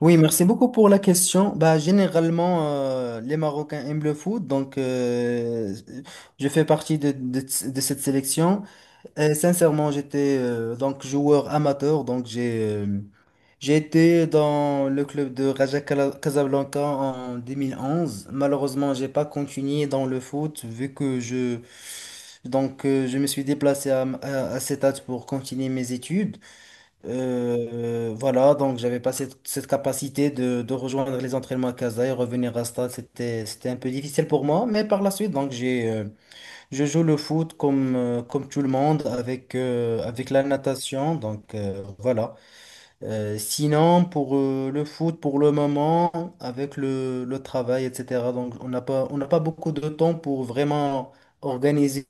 Oui, merci beaucoup pour la question. Bah, généralement, les Marocains aiment le foot, donc je fais partie de cette sélection. Et sincèrement, j'étais donc joueur amateur, donc j'ai été dans le club de Casablanca en 2011. Malheureusement, j'ai pas continué dans le foot vu que je me suis déplacé à cet âge pour continuer mes études. Voilà, donc j'avais pas cette capacité de rejoindre les entraînements à Casa et revenir à Stade, c'était un peu difficile pour moi, mais par la suite, je joue le foot comme tout le monde avec, avec la natation, donc voilà. Sinon, pour le foot, pour le moment, avec le travail, etc., donc on n'a pas beaucoup de temps pour vraiment organiser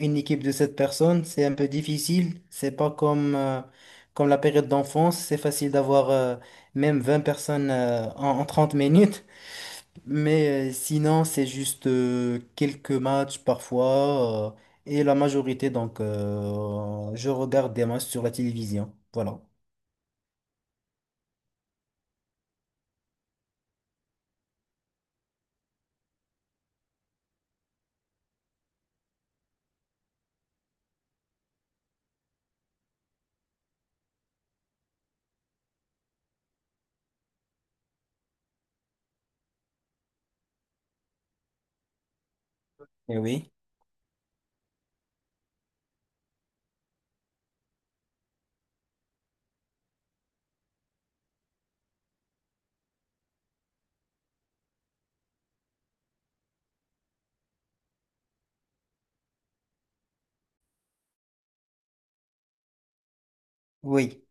une équipe de cette personnes. C'est un peu difficile. C'est pas comme la période d'enfance. C'est facile d'avoir même 20 personnes en 30 minutes. Mais sinon, c'est juste quelques matchs parfois. Et la majorité, donc, je regarde des matchs sur la télévision. Voilà. Et oui. Oui,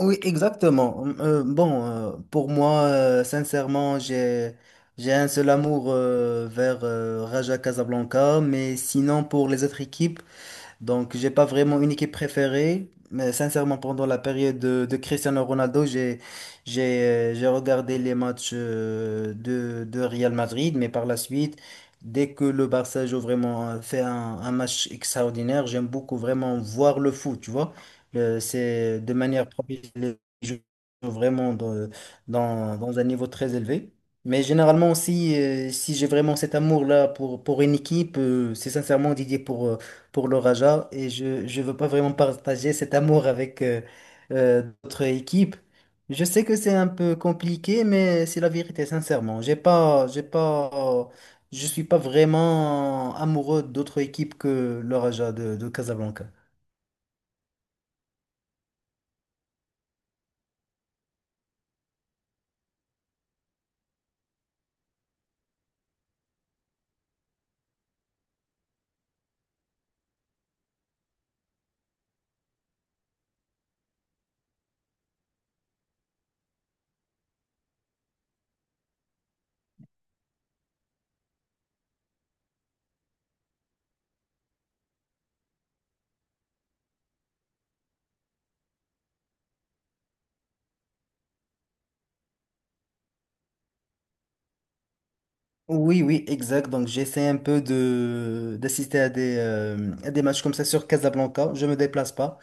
oui, exactement. Bon, pour moi, sincèrement, j'ai un seul amour vers Raja Casablanca, mais sinon pour les autres équipes, donc, j'ai pas vraiment une équipe préférée, mais sincèrement, pendant la période de Cristiano Ronaldo, j'ai j'ai regardé les matchs de Real Madrid, mais par la suite, dès que le Barça joue vraiment fait un match extraordinaire, j'aime beaucoup vraiment voir le foot, tu vois. C'est de manière professionnelle, je joue vraiment dans un niveau très élevé. Mais généralement aussi, si j'ai vraiment cet amour-là pour une équipe, c'est sincèrement dédié pour le Raja et je veux pas vraiment partager cet amour avec d'autres équipes. Je sais que c'est un peu compliqué, mais c'est la vérité, sincèrement. J'ai pas Je suis pas vraiment amoureux d'autres équipes que le Raja de Casablanca. Oui, oui, exact. Donc, j'essaie un peu de d'assister à des matchs comme ça sur Casablanca. Je me déplace pas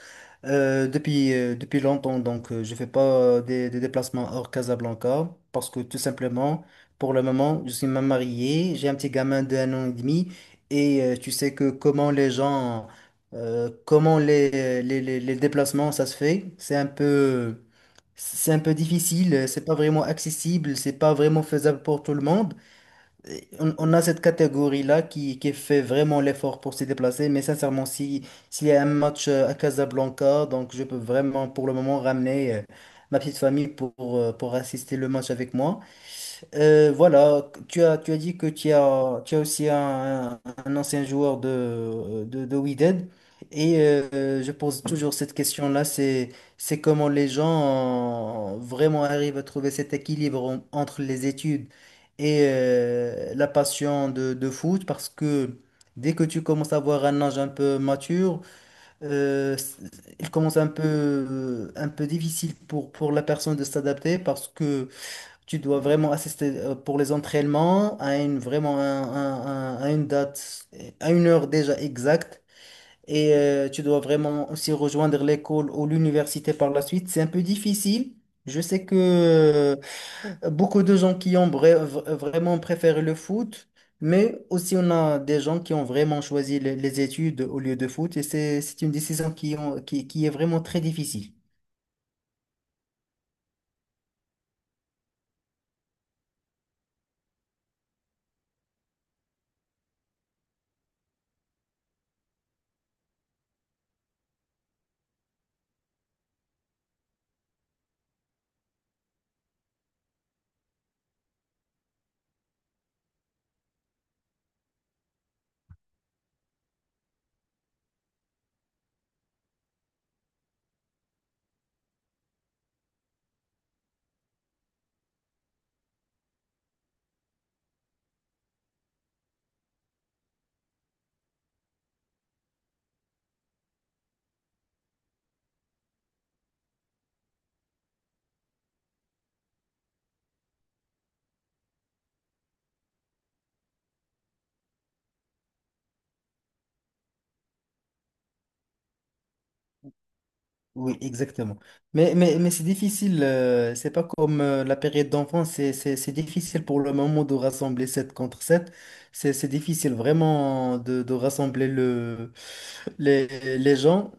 depuis longtemps. Donc, je fais pas des déplacements hors Casablanca parce que tout simplement, pour le moment, je suis même marié. J'ai un petit gamin de 1 an et demi. Et tu sais que comment les gens, comment les déplacements, ça se fait. C'est un peu difficile. C'est pas vraiment accessible. C'est pas vraiment faisable pour tout le monde. Et on a cette catégorie-là qui fait vraiment l'effort pour se déplacer, mais sincèrement, si, s'il y a un match à Casablanca, donc je peux vraiment pour le moment ramener ma petite famille pour assister le match avec moi. Voilà, tu as dit que tu as aussi un ancien joueur de We Dead. Et je pose toujours cette question-là, c'est comment les gens vraiment arrivent à trouver cet équilibre entre les études et la passion de foot, parce que dès que tu commences à avoir un âge un peu mature, euh, c- il commence un peu difficile pour la personne de s'adapter, parce que tu dois vraiment assister pour les entraînements à une, vraiment un- à une date, à une heure déjà exacte. Et tu dois vraiment aussi rejoindre l'école ou l'université par la suite. C'est un peu difficile. Je sais que beaucoup de gens qui ont vraiment préféré le foot, mais aussi on a des gens qui ont vraiment choisi les études au lieu de foot. Et c'est une décision qui, ont- qui est vraiment très difficile. Oui, exactement. Mais c'est difficile, c'est pas comme la période d'enfance, c'est difficile pour le moment de rassembler 7 contre 7. C'est difficile vraiment de rassembler les, les gens.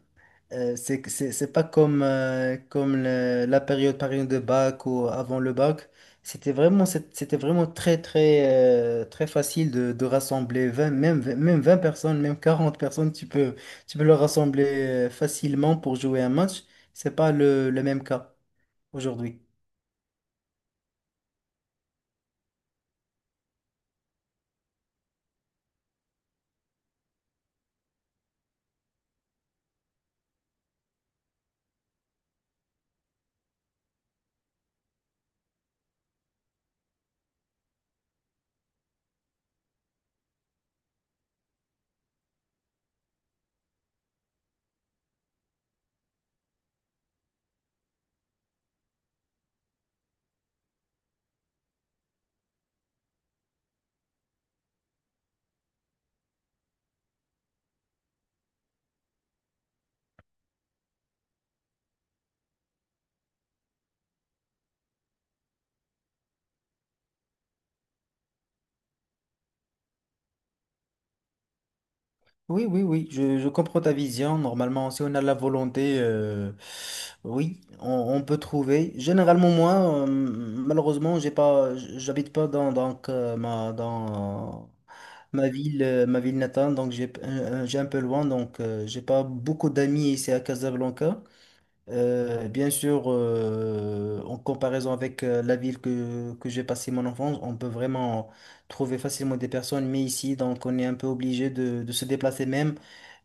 C'est pas comme la période par exemple, de bac ou avant le bac. C'était vraiment très facile de rassembler 20 personnes, même 40 personnes. Tu peux les rassembler facilement pour jouer un match. C'est pas le même cas aujourd'hui. Oui, oui, oui, je comprends ta vision. Normalement, si on a la volonté, oui, on peut trouver. Généralement, moi, malheureusement, j'habite pas dans ma ville natale, donc j'ai un peu loin, donc j'ai pas beaucoup d'amis ici à Casablanca. Bien sûr, en comparaison avec la ville que j'ai passé mon enfance, on peut vraiment trouver facilement des personnes, mais ici, donc, on est un peu obligé de se déplacer même.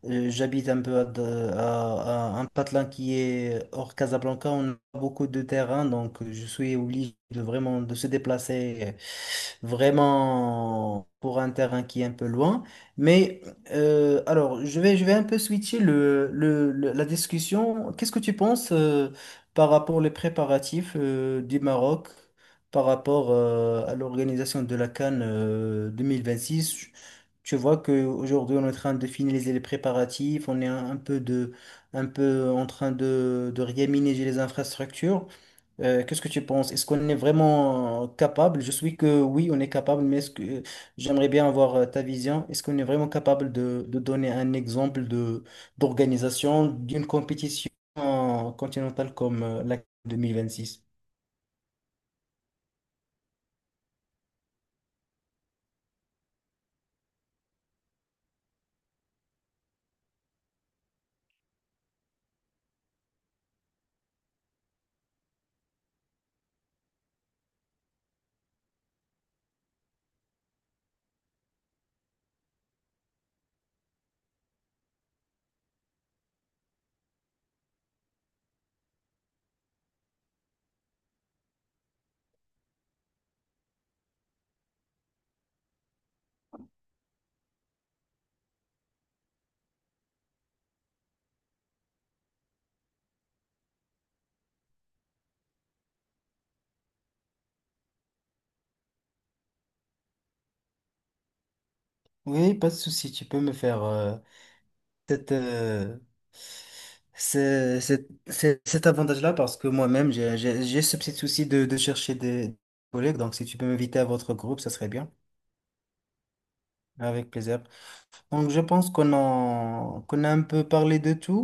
J'habite un peu à un patelin qui est hors Casablanca, on a beaucoup de terrain, donc je suis obligé de vraiment de se déplacer vraiment pour un terrain qui est un peu loin. Mais alors, je vais un peu switcher la discussion. Qu'est-ce que tu penses par rapport aux préparatifs du Maroc, par rapport à l'organisation de la CAN 2026? Tu vois qu'aujourd'hui, on est en train de finaliser les préparatifs, on est un peu en train de réaménager les infrastructures. Qu'est-ce que tu penses? Est-ce qu'on est vraiment capable? Je suis que oui, on est capable, mais est-ce que j'aimerais bien avoir ta vision. Est-ce qu'on est vraiment capable de donner un exemple de d'organisation d'une compétition continentale comme la 2026? Oui, pas de souci. Tu peux me faire cette, ce- cet cet- cet avantage-là parce que moi-même, j'ai ce petit souci de chercher des collègues. Donc, si tu peux m'inviter à votre groupe, ça serait bien. Avec plaisir. Donc, je pense qu'on a un peu parlé de tout.